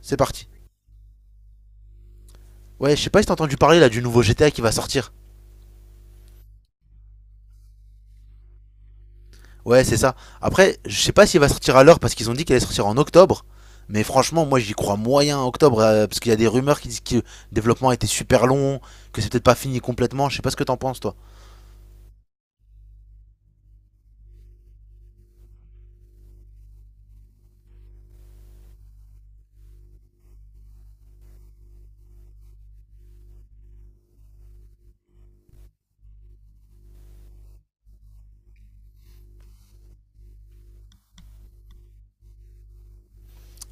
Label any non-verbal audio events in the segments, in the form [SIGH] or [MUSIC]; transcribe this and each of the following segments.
C'est parti. Ouais, je sais pas si t'as entendu parler là du nouveau GTA qui va sortir. Ouais, c'est ça. Après, je sais pas s'il va sortir à l'heure parce qu'ils ont dit qu'il allait sortir en octobre. Mais franchement, moi j'y crois moyen en octobre parce qu'il y a des rumeurs qui disent que le développement a été super long, que c'est peut-être pas fini complètement. Je sais pas ce que t'en penses, toi.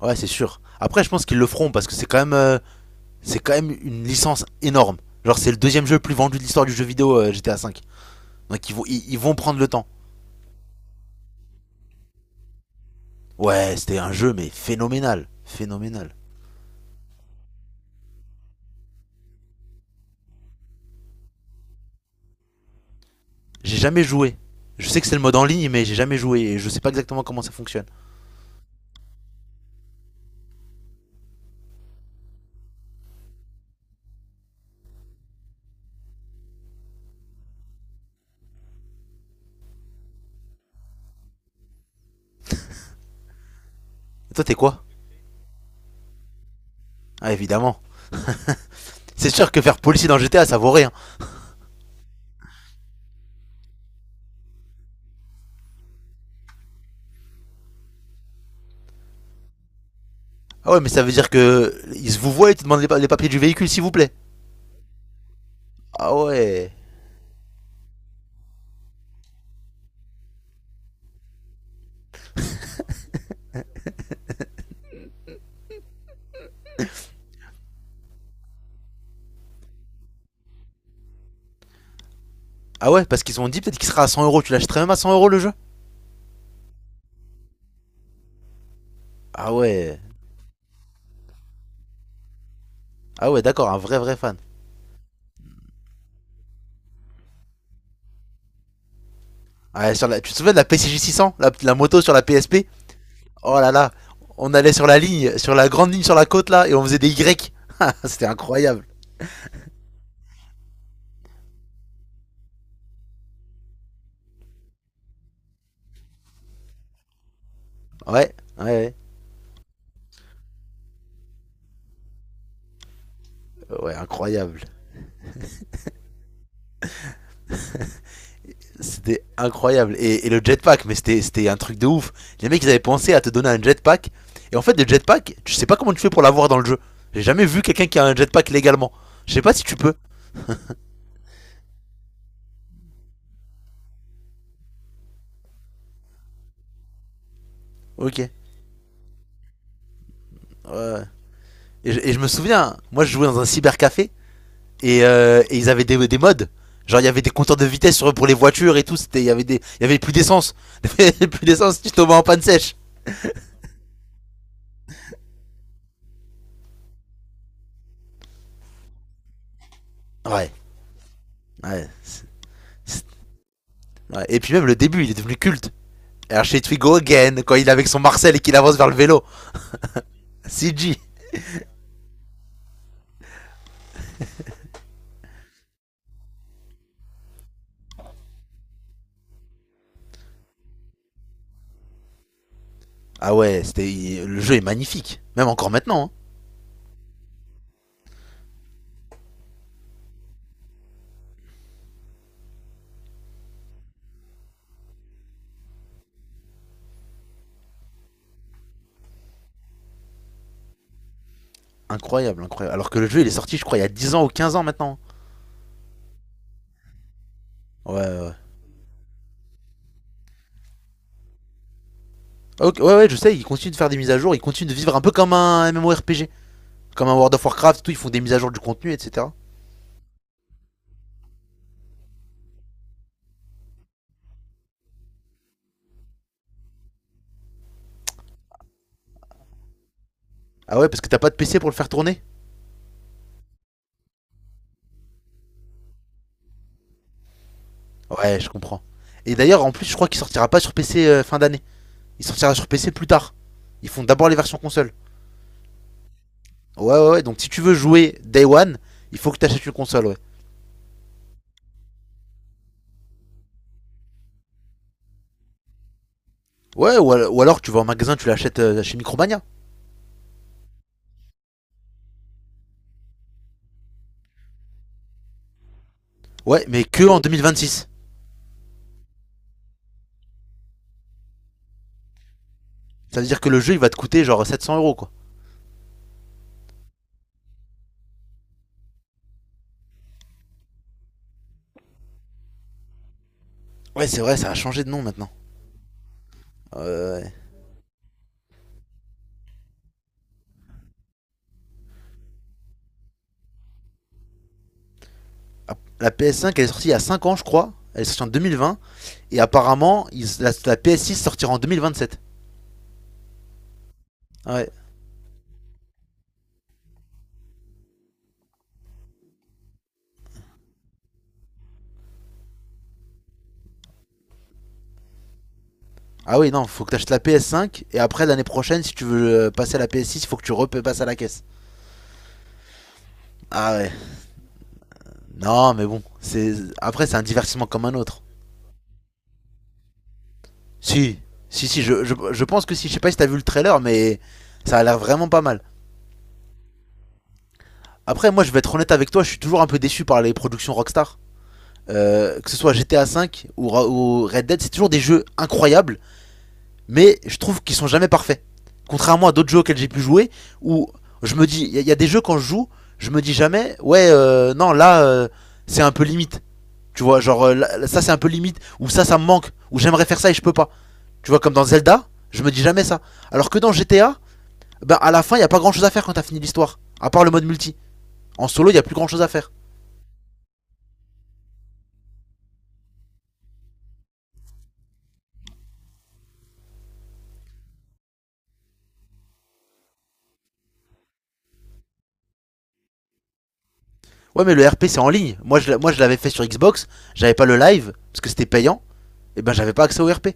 Ouais, c'est sûr. Après, je pense qu'ils le feront parce que c'est quand même, une licence énorme. Genre, c'est le deuxième jeu le plus vendu de l'histoire du jeu vidéo GTA V. Donc ils vont prendre le temps. Ouais, c'était un jeu mais phénoménal, phénoménal. J'ai jamais joué. Je sais que c'est le mode en ligne, mais j'ai jamais joué et je sais pas exactement comment ça fonctionne. Et toi, t'es quoi? Ah, évidemment. C'est sûr que faire policier dans GTA, ça vaut rien. Ah ouais, mais ça veut dire que ils se vous voient et te demandent les papiers du véhicule, s'il vous plaît. Ah ouais. Ah ouais, parce qu'ils ont dit peut-être qu'il sera à cent euros. Tu l'achèterais même à 100 € le jeu? Ah ouais. Ah ouais, d'accord, un vrai vrai fan. Ah, sur la... Tu te souviens de la PCJ 600 la moto sur la PSP? Oh là là. On allait sur la ligne, sur la grande ligne sur la côte là, et on faisait des Y. [LAUGHS] C'était incroyable. Ouais, ouais, ouais, ouais, incroyable. C'était incroyable. Et le jetpack, mais c'était un truc de ouf. Les mecs, ils avaient pensé à te donner un jetpack. Et en fait, le jetpack, tu sais pas comment tu fais pour l'avoir dans le jeu. J'ai jamais vu quelqu'un qui a un jetpack légalement. Je sais pas si tu peux. Ok. Ouais. Et je me souviens, moi je jouais dans un cybercafé et ils avaient des mods. Genre il y avait des compteurs de vitesse pour les voitures et tout. Il y avait plus d'essence. [LAUGHS] plus d'essence, si tu tombais en panne sèche. Ouais. Ouais. Ouais. Et puis même le début, il est devenu culte. Archie we go again, quand il est avec son Marcel et qu'il avance vers le vélo. CG. Ah ouais, c'était le jeu est magnifique. Même encore maintenant, hein. Incroyable, incroyable. Alors que le jeu il est sorti, je crois, il y a 10 ans ou 15 ans maintenant. Ouais, ouais. Ouais. Ok, ouais, ouais, je sais, ils continuent de faire des mises à jour, ils continuent de vivre un peu comme un MMORPG. Comme un World of Warcraft, tout, ils font des mises à jour du contenu, etc. Ah ouais, parce que t'as pas de PC pour le faire tourner? Ouais, je comprends. Et d'ailleurs, en plus, je crois qu'il sortira pas sur PC fin d'année. Il sortira sur PC plus tard. Ils font d'abord les versions console. Ouais, ouais, ouais. Donc si tu veux jouer Day One, il faut que tu achètes une console, ouais. Ouais, ou, alors tu vas en magasin, tu l'achètes chez Micromania. Ouais, mais que en 2026. Ça veut dire que le jeu, il va te coûter genre 700 euros, quoi. Ouais, c'est vrai, ça a changé de nom maintenant. Euh, la PS5, elle est sortie il y a 5 ans, je crois. Elle est sortie en 2020. Et apparemment, la PS6 sortira en 2027. Ouais. Ah oui, non, faut que tu achètes la PS5. Et après, l'année prochaine, si tu veux passer à la PS6, il faut que tu repasses à la caisse. Ah ouais. Non, mais bon. C'est Après, c'est un divertissement comme un autre. Si, si, si, je pense que si, je sais pas si t'as vu le trailer, mais ça a l'air vraiment pas mal. Après, moi, je vais être honnête avec toi, je suis toujours un peu déçu par les productions Rockstar. Que ce soit GTA 5 ou Red Dead, c'est toujours des jeux incroyables, mais je trouve qu'ils sont jamais parfaits. Contrairement à d'autres jeux auxquels j'ai pu jouer, où je me dis, y a des jeux quand je joue, je me dis jamais, ouais, non, là, c'est un peu limite. Tu vois, genre, ça c'est un peu limite, ou ça me manque, ou j'aimerais faire ça et je peux pas. Tu vois, comme dans Zelda, je me dis jamais ça. Alors que dans GTA, ben, à la fin, il y a pas grand chose à faire quand t'as fini l'histoire, à part le mode multi. En solo, il y a plus grand chose à faire. Ouais, mais le RP c'est en ligne. Moi, je l'avais fait sur Xbox, j'avais pas le live, parce que c'était payant, et ben j'avais pas accès au RP.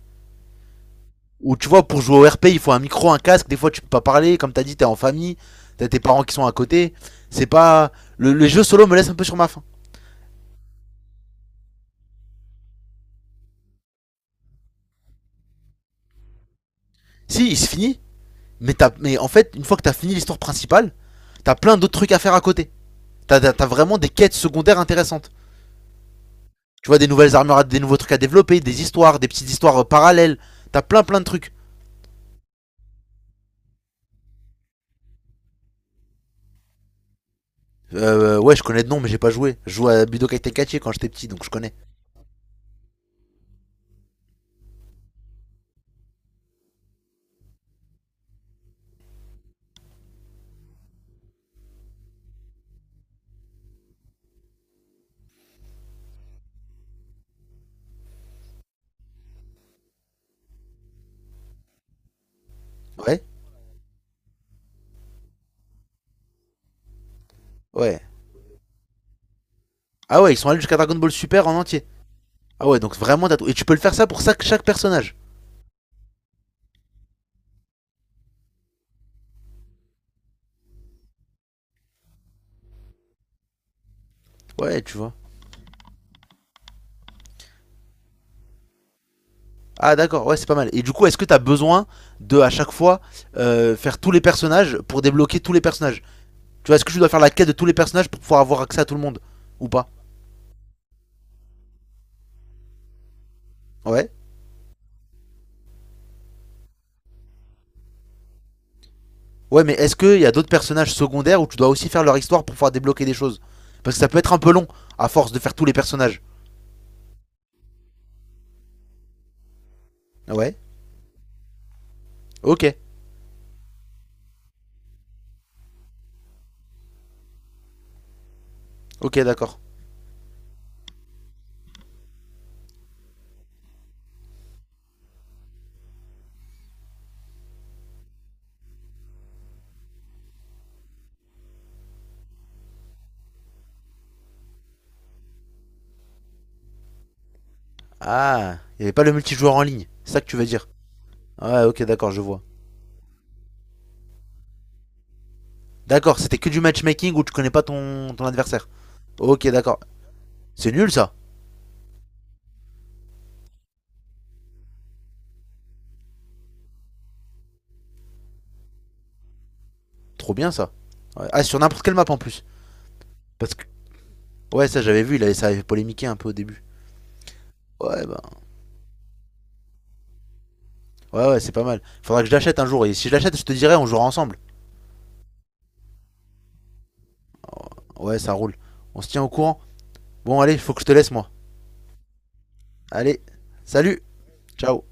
Ou tu vois, pour jouer au RP, il faut un micro, un casque. Des fois, tu peux pas parler. Comme t'as dit, t'es en famille, t'as tes parents qui sont à côté. C'est pas. Le jeu solo me laisse un peu sur ma faim. Si, il se finit, mais, en fait, une fois que t'as fini l'histoire principale, t'as plein d'autres trucs à faire à côté. T'as vraiment des quêtes secondaires intéressantes. Tu vois, des nouvelles armures, des nouveaux trucs à développer, des histoires, des petites histoires parallèles. T'as plein plein de trucs. Ouais, je connais de nom, mais j'ai pas joué. Je jouais à Budokai Tenkaichi quand j'étais petit, donc je connais. Ouais. Ouais. Ah ouais, ils sont allés jusqu'à Dragon Ball Super en entier. Ah ouais, donc vraiment t'as tout. Et tu peux le faire ça pour chaque personnage. Ouais, tu vois. Ah d'accord, ouais, c'est pas mal. Et du coup, est-ce que t'as besoin de, à chaque fois, faire tous les personnages pour débloquer tous les personnages? Tu vois, est-ce que tu dois faire la quête de tous les personnages pour pouvoir avoir accès à tout le monde? Ou pas? Ouais. Ouais, mais est-ce qu'il y a d'autres personnages secondaires où tu dois aussi faire leur histoire pour pouvoir débloquer des choses? Parce que ça peut être un peu long, à force de faire tous les personnages. Ouais. Ok. Ok, d'accord. Ah, il n'y avait pas le multijoueur en ligne. C'est ça que tu veux dire? Ouais, ok, d'accord, je vois. D'accord, c'était que du matchmaking où tu connais pas ton adversaire. Ok, d'accord. C'est nul ça. Trop bien ça. Ouais. Ah, sur n'importe quelle map en plus. Parce que. Ouais, ça j'avais vu, ça avait polémiqué un peu au début. Ouais, bah. Ouais, ouais, c'est pas mal. Faudra que je l'achète un jour. Et si je l'achète, je te dirai, on jouera ensemble. Ouais, ça roule. On se tient au courant. Bon, allez, faut que je te laisse moi. Allez, salut, ciao.